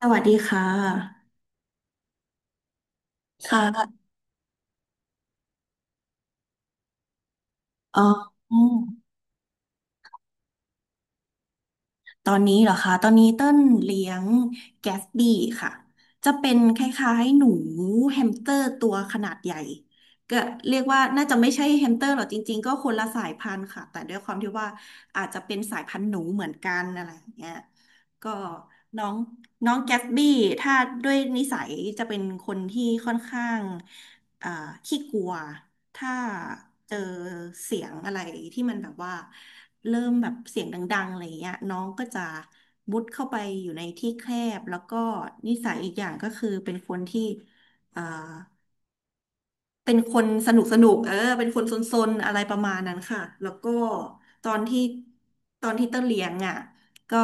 สวัสดีค่ะค่ะเอ่ออืมตอนนี้เหรอคะตอนนี้เต้นเลี้ยงแกสบี้ค่ะ จะเป็นคล้ายๆหนูแฮมสเตอร์ตัวขนาดใหญ่ก็เรียกว่าน่าจะไม่ใช่แฮมสเตอร์หรอกจริงๆก็คนละสายพันธุ์ค่ะ แต่ด้วยความที่ว่าอาจจะเป็นสายพันธุ์หนูเหมือนกันอะไรอย่างเงี้ยก็น้องน้องแกสบี้ถ้าด้วยนิสัยจะเป็นคนที่ค่อนข้างอ่าขี้กลัว ถ้าเจอเสียงอะไรที่มันแบบว่าเริ่มแบบเสียงดังๆอะไรเงี้ยน้องก็จะมุดเข้าไปอยู่ในที่แคบแล้วก็นิสัยอีกอย่างก็คือเป็นคนที่เอ่อ เป็นคนสนุกสนุกเออเป็นคนซนๆอะไรประมาณนั้นค่ะแล้วก็ตอนที่ตอนที่เต้นเลี้ยงอ่ะก็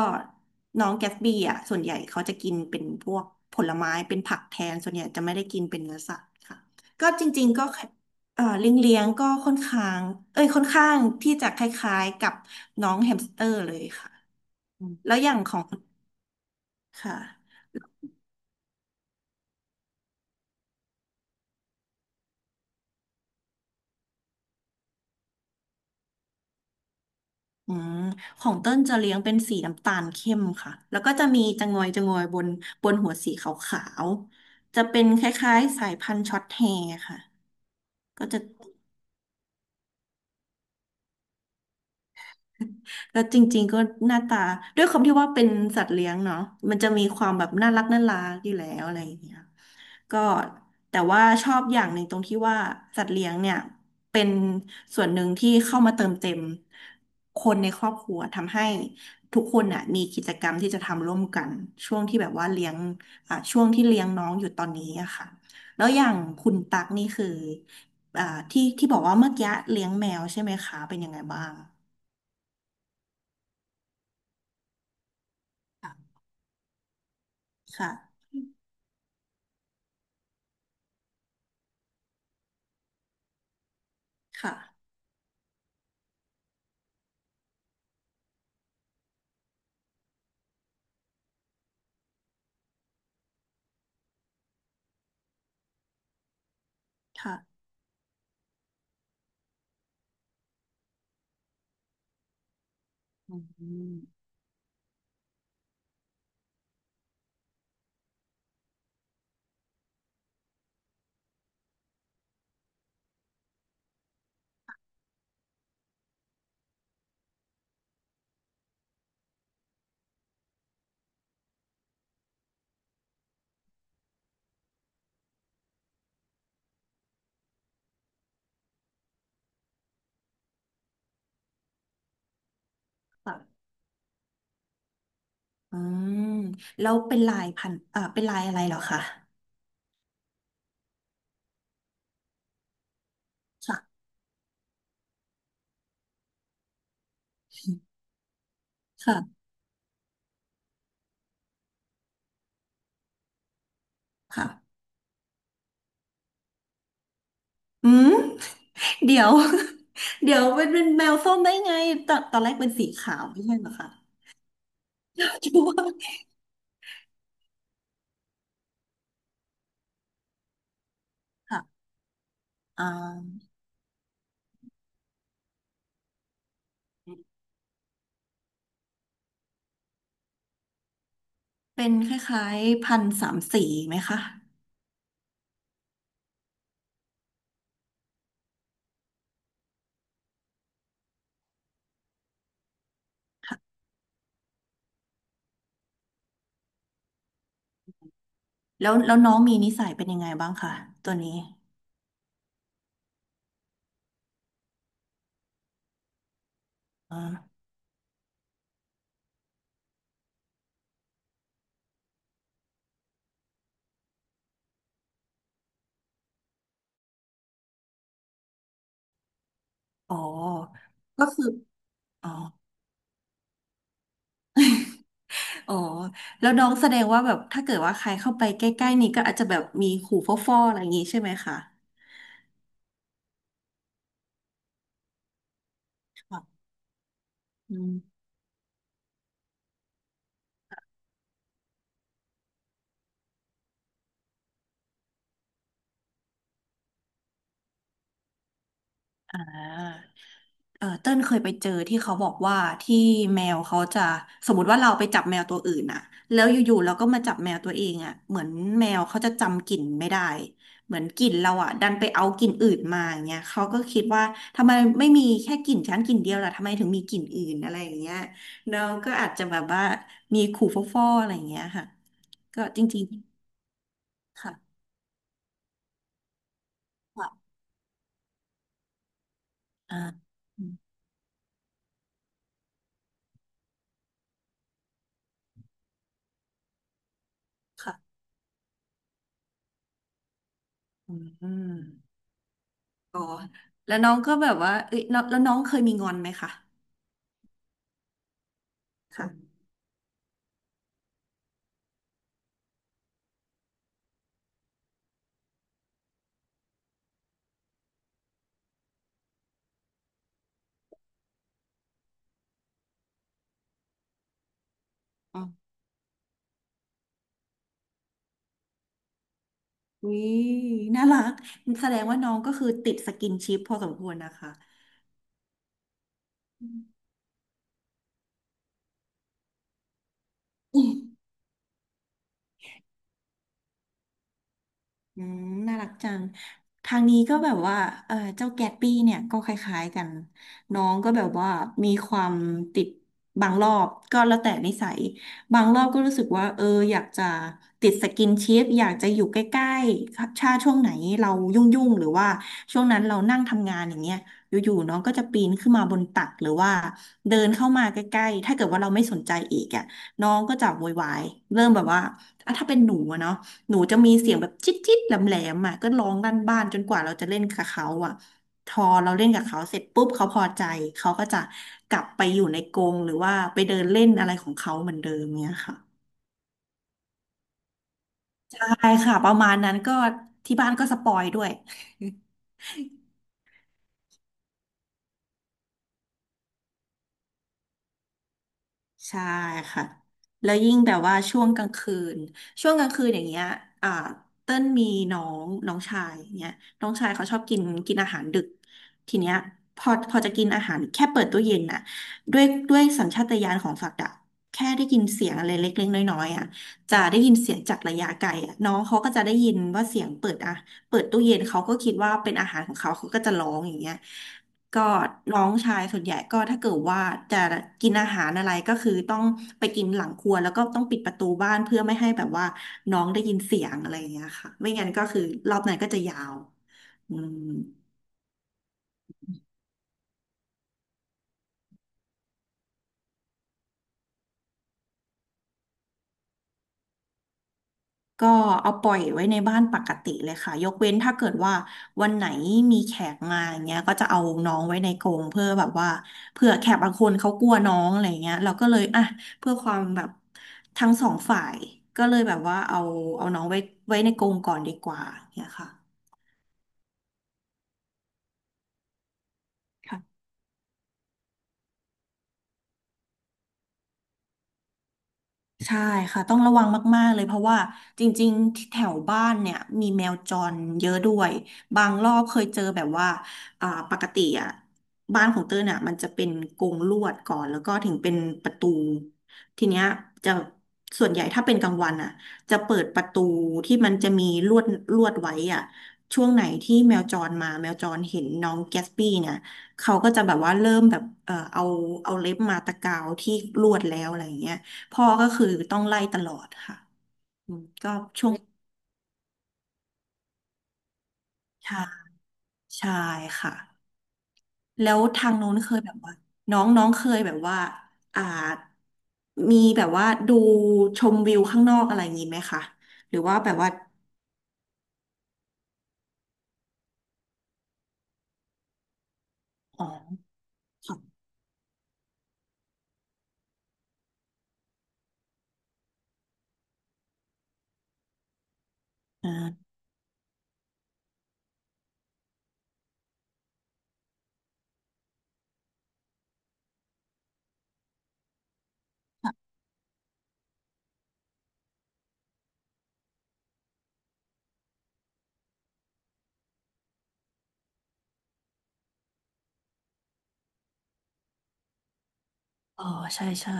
น้องแกสบี้อ่ะส่วนใหญ่เขาจะกินเป็นพวกผลไม้เป็นผักแทนส่วนใหญ่จะไม่ได้กินเป็นเนื้อสัตว์ค่ะก็จริงๆก็เลี้ยงก็ค่อนข้างเอ้ยค่อนข้างที่จะคล้ายๆกับน้องแฮมสเตอร์เลยค่ะอืมแล้วอย่างของค่ะ อืมของเต้นจะเลี้ยงเป็นสีน้ำตาลเข้มค่ะ แล้วก็จะมีจะงอยบนบนหัวสีขาวๆจะเป็นคล้ายๆสายพันธุ์ช็อตแฮร์ค่ะ ก็จะ แล้วจริงๆก็หน้าตาด้วยความที่ว่าเป็นสัตว์เลี้ยงเนาะมันจะมีความแบบน่ารักน่ารักอยู่แล้วอะไรอย่างเงี้ยก็แต่ว่าชอบอย่างหนึ่งตรงที่ว่าสัตว์เลี้ยงเนี่ยเป็นส่วนหนึ่งที่เข้ามาเติมเต็มคนในครอบครัวทำให้ทุกคนน่ะมีกิจกรรมที่จะทำร่วมกันช่วงที่แบบว่าเลี้ยงช่วงที่เลี้ยงน้องอยู่ตอนนี้อะค่ะแล้วอย่างคุณตักนี่คืออ่าที่บอกว่าเมื่อกี้เลี้ยงแมวใช่ไหมคะเป็นยังไงบ้าง ค่ะค่ะค่ะอืมค่ะอืมแล้วเป็นลายพันอ่าเป็นลายอะไรเหรอคะค่ะค่ะค่ะอืมเดี๋ยวเดี๋ยวเป็นแมวส้มได้ไงตอนแรกเป็นสีขาวไม่ใช่เหรอคะ คิดว่าค่ะอ่าเป็นคล้ายๆพันธุ์สามสีไหมคะแล้วน้องมีนิสัยเป็นยังไงบ้างคะตัวนี้อ่าอ๋อก็คืออ๋อ อ๋อแล้วน้องแสดงว่าแบบถ้าเกิดว่าใครเข้าไปใกล้ๆนี้ก็อาจจะแบบมีขู่ฟ่อๆอะไรอย่างงี้ใช่ไหมคะค่ะอืมอ่า เออเต้นเคยไปเจอที่เขาบอกว่าที่แมวเขาจะสมมติว่าเราไปจับแมวตัวอื่นน่ะแล้วอยู่ๆเราก็มาจับแมวตัวเองอ่ะเหมือนแมวเขาจะจำกลิ่นไม่ได้เหมือนกลิ่นเราอ่ะดันไปเอากลิ่นอื่นมาอย่างเงี้ยเขาก็คิดว่าทำไมไม่มีแค่กลิ่นชันกลิ่นเดียวล่ะทำไมถึงมีกลิ่นอื่นอะไรอย่างเงี้ยน้องก็อาจจะแบบว่ามีขู่ฟ่อๆอะไรอย่างเงี้ยค่ะก็จริงๆค่ะค่ะอ่าอืมค่ะอืม อ๋อแล้วน้องก็แบบว่าเอ้ยน้องแล้วน้องเคยมีงอนไหมคะค่ะอ๋ออุ้ยน่ารัก แสดงว่าน้องก็คือติดสกินชิปพอสมควรนะคะ อืมน่ารักจังทางนี้ก็แบบว่าเออเจ้าแกตปี้เนี่ยก็คล้ายๆกัน น้องก็แบบว่ามีความติดบางรอบก็แล้วแต่นิสัย บางรอบก็รู้สึกว่าเอออยากจะติดสกินชิปอยากจะอยู่ใกล้ๆชาช่วงไหนเรายุ่งๆหรือว่าช่วงนั้นเรานั่งทำงานอย่างเงี้ยอยู่ๆน้องก็จะปีนขึ้นมาบนตักหรือว่าเดินเข้ามาใกล้ๆถ้าเกิดว่าเราไม่สนใจอีกอ่ะน้องก็จะโวยวายเริ่มแบบว่าอ่ะถ้าเป็นหนูอะเนาะ หนูจะมีเสียงแบบจิ๊ดจิ๊ดแหลมแหลมอ่ะก็ร้องลั่นบ้านจนกว่าเราจะเล่นกับเขาอ่ะพอเราเล่นกับเขาเสร็จปุ๊บเขาพอใจ เขาก็จะกลับไปอยู่ในกรงหรือว่าไปเดินเล่นอะไรของเขาเหมือนเดิมเนี่ยค่ะใช่ค่ะประมาณนั้นก็ที่บ้านก็สปอยด้วย ใช่ค่ะแล้วยิ่งแบบว่าช่วงกลางคืนช่วงกลางคืนอย่างเงี้ยอ่าเต้นมีน้องน้องชายเนี้ยน้องชายเขาชอบกินกินอาหารดึกทีเนี้ยพอจะกินอาหารแค่เปิดตู้เย็นน่ะด้วยสัญชาตญาณของสัตว์อะแค่ได้ยินเสียงอะไรเล็กๆน้อยๆอ่ะจะได้ยินเสียงจากระยะไกลอ่ะน้องเขาก็จะได้ยินว่าเสียงเปิดอ่ะเปิดตู้เย็นเขาก็คิดว่าเป็นอาหารของเขาเขาก็จะร้องอย่างเงี้ย ก็น้องชายส่วนใหญ่ก็ถ้าเกิดว่าจะกินอาหารอะไรก็คือต้องไปกินหลังครัวแล้วก็ต้องปิดประตูบ้านเพื่อไม่ให้แบบว่าน้องได้ยินเสียงอะไรอย่างเงี้ยค่ะไม่งั้นก็คือรอบนั้นก็จะยาวอืม ก็เอาปล่อยไว้ในบ้านปกติเลยค่ะยกเว้นถ้าเกิดว่าวันไหนมีแขกมาอย่างเงี้ยก็จะเอาน้องไว้ในกรงเพื่อแบบว่าเผื่อแขกบางคนเขากลัวน้องอะไรเงี้ยเราก็เลยเพื่อความแบบทั้งสองฝ่ายก็เลยแบบว่าเอาน้องไว้ในกรงก่อนดีกว่าเนี่ยค่ะ ใช่ค่ะต้องระวังมากๆเลยเพราะว่าจริงๆที่แถวบ้านเนี่ยมีแมวจรเยอะด้วยบางรอบเคยเจอแบบว่าปกติอ่ะบ้านของเต้ยเนี่ยมันจะเป็นกรงลวดก่อนแล้วก็ถึงเป็นประตูทีเนี้ยจะส่วนใหญ่ถ้าเป็นกลางวันอ่ะจะเปิดประตูที่มันจะมีลวดลวดไว้อ่ะช่วงไหนที่แมวจรมาแมวจรเห็นน้องแกสปี้เนี่ยเขาก็จะแบบว่าเริ่มแบบเออเอาเล็บมาตะกาวที่ลวดแล้วอะไรอย่างเงี้ย พ่อก็คือต้องไล่ตลอดค่ะอืมก็ช่วงชาชายค่ะแล้วทางโน้นเคยแบบว่าน้องน้องเคยแบบว่าอ่ามีแบบว่าดูชมวิวข้างนอกอะไรอย่างนี้ไหมคะหรือว่าแบบว่าอ๋อค่ะอ่าอ๋อใช่ใช่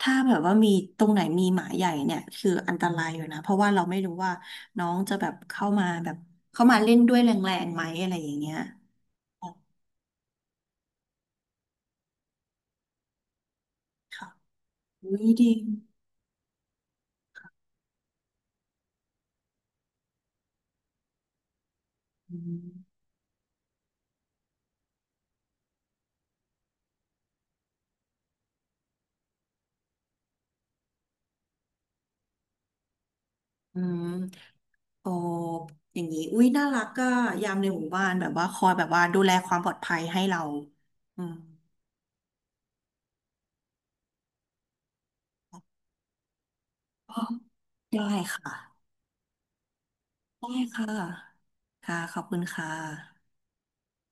ถ้าแบบว่ามีตรงไหนมีหมาใหญ่เนี่ยคืออันตรายอยู่นะเพราะว่าเราไม่รู้ว่าน้องจะแบบเข้ามาแบบเข้ามาเล่นด้วยแรงๆไหมอะไรอย่างเงี้ยค่ะอุ้ยดีอืมอืม โอ้อย่างนี้อุ้ยน่ารักก็ยามในหมู่บ้านแบบว่าคอยแบบว่าดูแลความปลอดภัยให้เราอืมอ๋อได้ค่ะได้ค่ะค่ะขอบคุณค่ะ